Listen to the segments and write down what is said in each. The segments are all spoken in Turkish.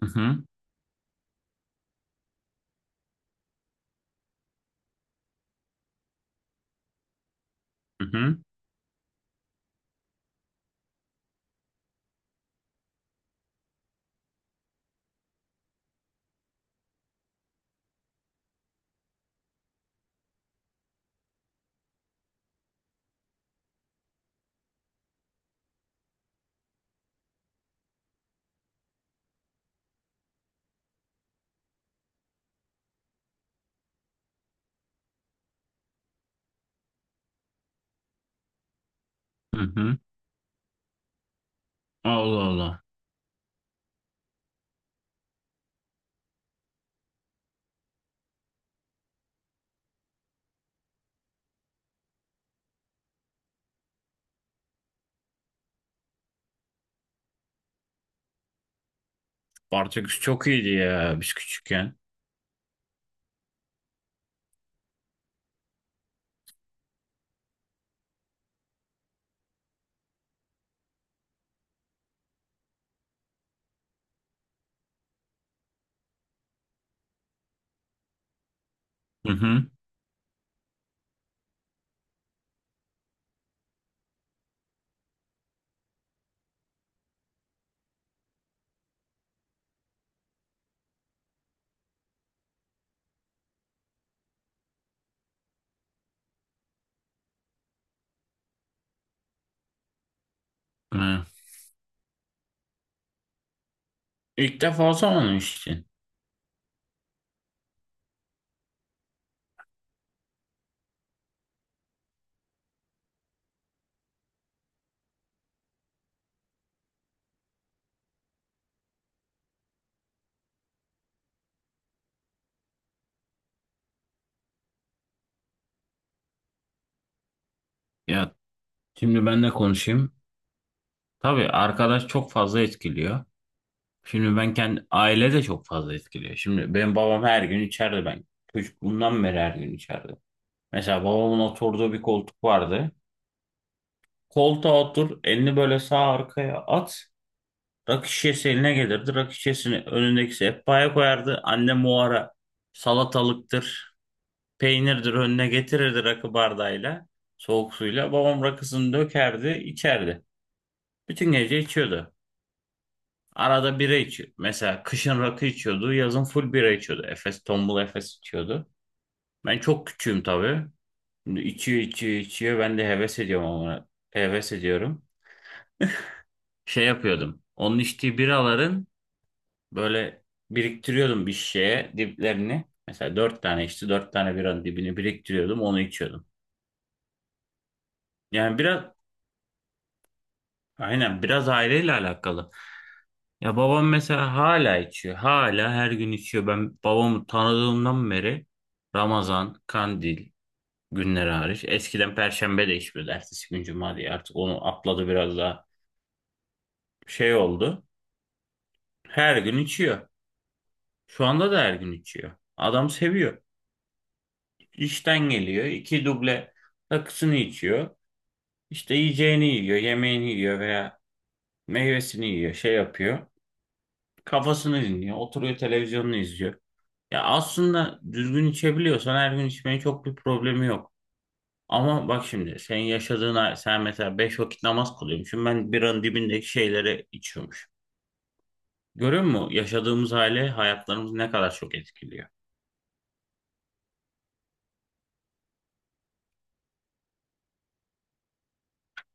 Hı hı. Hı hı. Hı hı. Allah Allah. Spartaküs çok iyiydi ya biz küçükken. Hı hı. Hı. İlk defa o zaman işte. Ya şimdi ben de konuşayım. Tabii arkadaş çok fazla etkiliyor. Şimdi ben kendi aile de çok fazla etkiliyor. Şimdi benim babam her gün içeride ben. Çocukluğumdan beri her gün içeride. Mesela babamın oturduğu bir koltuk vardı. Koltuğa otur, elini böyle sağ arkaya at. Rakı şişesi eline gelirdi. Rakı şişesini önündeki sehpaya koyardı. Annem o ara salatalıktır, peynirdir önüne getirirdi rakı bardağıyla, soğuk suyla. Babam rakısını dökerdi, içerdi. Bütün gece içiyordu. Arada bira içiyordu. Mesela kışın rakı içiyordu, yazın full bira içiyordu. Efes, tombul Efes içiyordu. Ben çok küçüğüm tabii. Şimdi içiyor, içiyor, içiyor. Ben de heves ediyorum, ama heves ediyorum. Şey yapıyordum. Onun içtiği biraların böyle biriktiriyordum bir şişeye diplerini. Mesela dört tane, işte dört tane biranın dibini biriktiriyordum, onu içiyordum. Yani biraz, aynen, biraz aileyle alakalı. Ya babam mesela hala içiyor. Hala her gün içiyor. Ben babamı tanıdığımdan beri Ramazan, Kandil günleri hariç. Eskiden Perşembe de içmiyordu. Ertesi gün Cuma diye artık onu atladı, biraz daha şey oldu. Her gün içiyor. Şu anda da her gün içiyor. Adam seviyor. İşten geliyor, iki duble rakısını içiyor. İşte yiyeceğini yiyor, yemeğini yiyor veya meyvesini yiyor, şey yapıyor. Kafasını dinliyor, oturuyor, televizyonunu izliyor. Ya aslında düzgün içebiliyorsan her gün içmenin çok bir problemi yok. Ama bak şimdi senin yaşadığın, sen mesela beş vakit namaz kılıyormuşsun. Ben biranın dibindeki şeyleri içiyormuş. Görüyor musun? Yaşadığımız aile hayatlarımızı ne kadar çok etkiliyor.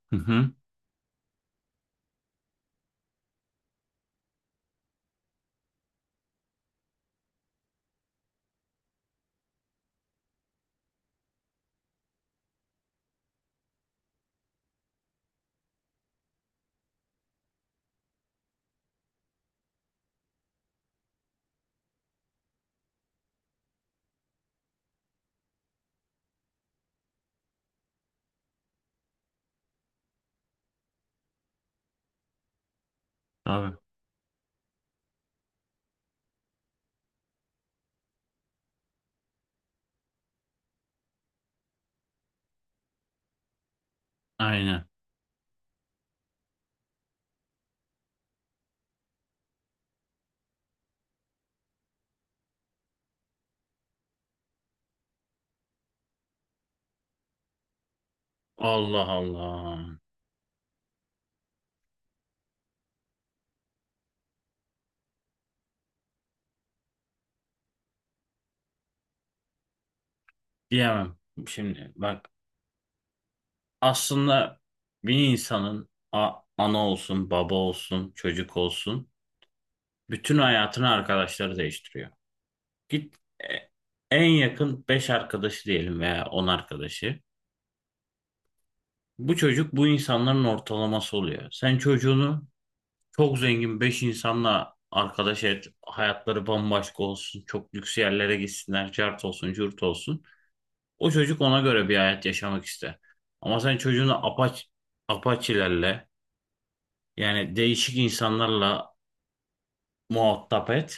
Hı hı. Tabii. Aynen. Allah Allah. Diyemem. Şimdi bak, aslında bir insanın ana olsun, baba olsun, çocuk olsun, bütün hayatını arkadaşları değiştiriyor. Git, e, en yakın 5 arkadaşı diyelim veya 10 arkadaşı. Bu çocuk bu insanların ortalaması oluyor. Sen çocuğunu çok zengin 5 insanla arkadaş et, hayatları bambaşka olsun, çok lüks yerlere gitsinler, cart olsun, cürt olsun. O çocuk ona göre bir hayat yaşamak ister. Ama sen çocuğunu apaçilerle, yani değişik insanlarla muhatap et.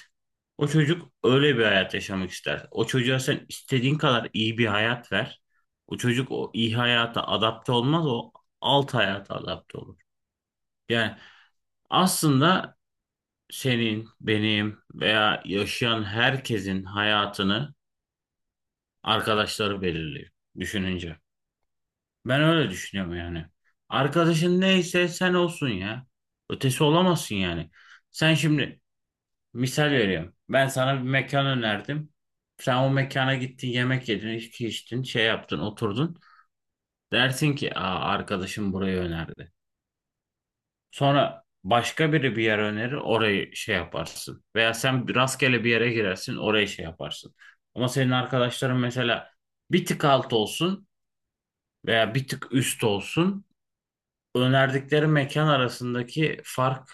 O çocuk öyle bir hayat yaşamak ister. O çocuğa sen istediğin kadar iyi bir hayat ver, o çocuk o iyi hayata adapte olmaz, o alt hayata adapte olur. Yani aslında senin, benim veya yaşayan herkesin hayatını arkadaşları belirliyor düşününce. Ben öyle düşünüyorum yani. Arkadaşın neyse sen olsun ya. Ötesi olamazsın yani. Sen şimdi, misal veriyorum, ben sana bir mekan önerdim. Sen o mekana gittin, yemek yedin, içki içtin, şey yaptın, oturdun. Dersin ki, "Aa, arkadaşım burayı önerdi." Sonra başka biri bir yer önerir, orayı şey yaparsın. Veya sen rastgele bir yere girersin, orayı şey yaparsın. Ama senin arkadaşların mesela bir tık alt olsun veya bir tık üst olsun. Önerdikleri mekan arasındaki fark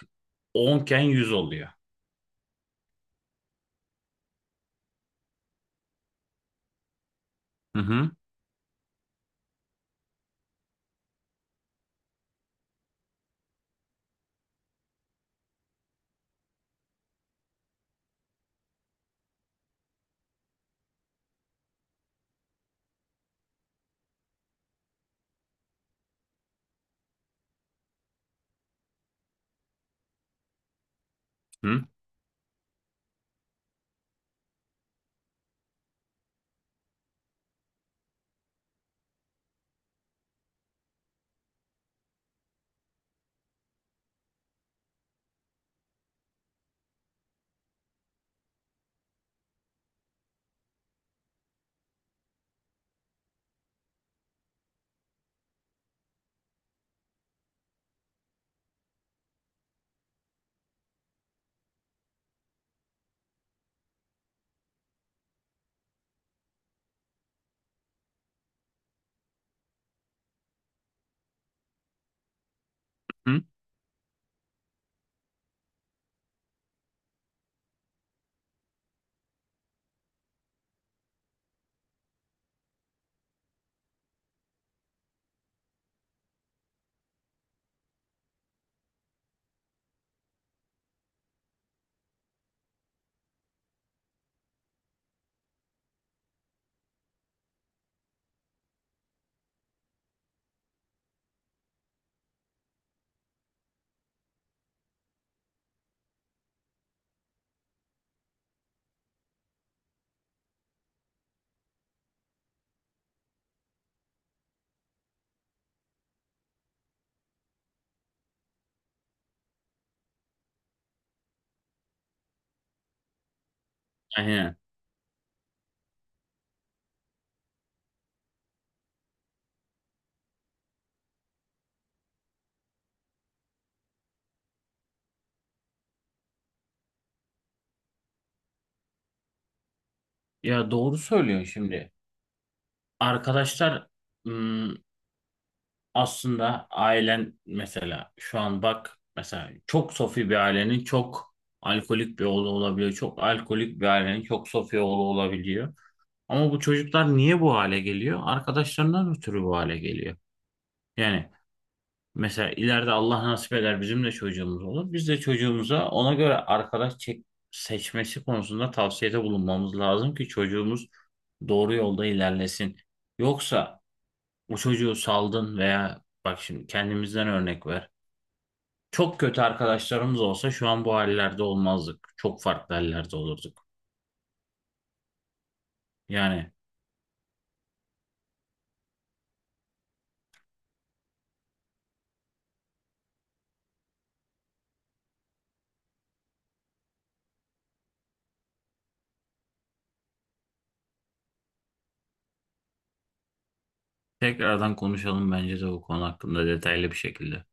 onken 100 oluyor. Hı hı. Hı hı. Aynen. Ya doğru söylüyorsun şimdi. Arkadaşlar ım, aslında ailen, mesela şu an bak, mesela çok sofi bir ailenin çok alkolik bir oğlu olabiliyor. Çok alkolik bir ailenin çok sofi oğlu olabiliyor. Ama bu çocuklar niye bu hale geliyor? Arkadaşlarından ötürü bu hale geliyor. Yani mesela ileride Allah nasip eder, bizim de çocuğumuz olur. Biz de çocuğumuza ona göre arkadaş seçmesi konusunda tavsiyede bulunmamız lazım ki çocuğumuz doğru yolda ilerlesin. Yoksa o çocuğu saldın veya bak, şimdi kendimizden örnek ver. Çok kötü arkadaşlarımız olsa şu an bu hallerde olmazdık. Çok farklı hallerde olurduk. Yani tekrardan konuşalım bence de bu konu hakkında detaylı bir şekilde.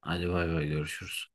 Hadi, bay bay, görüşürüz.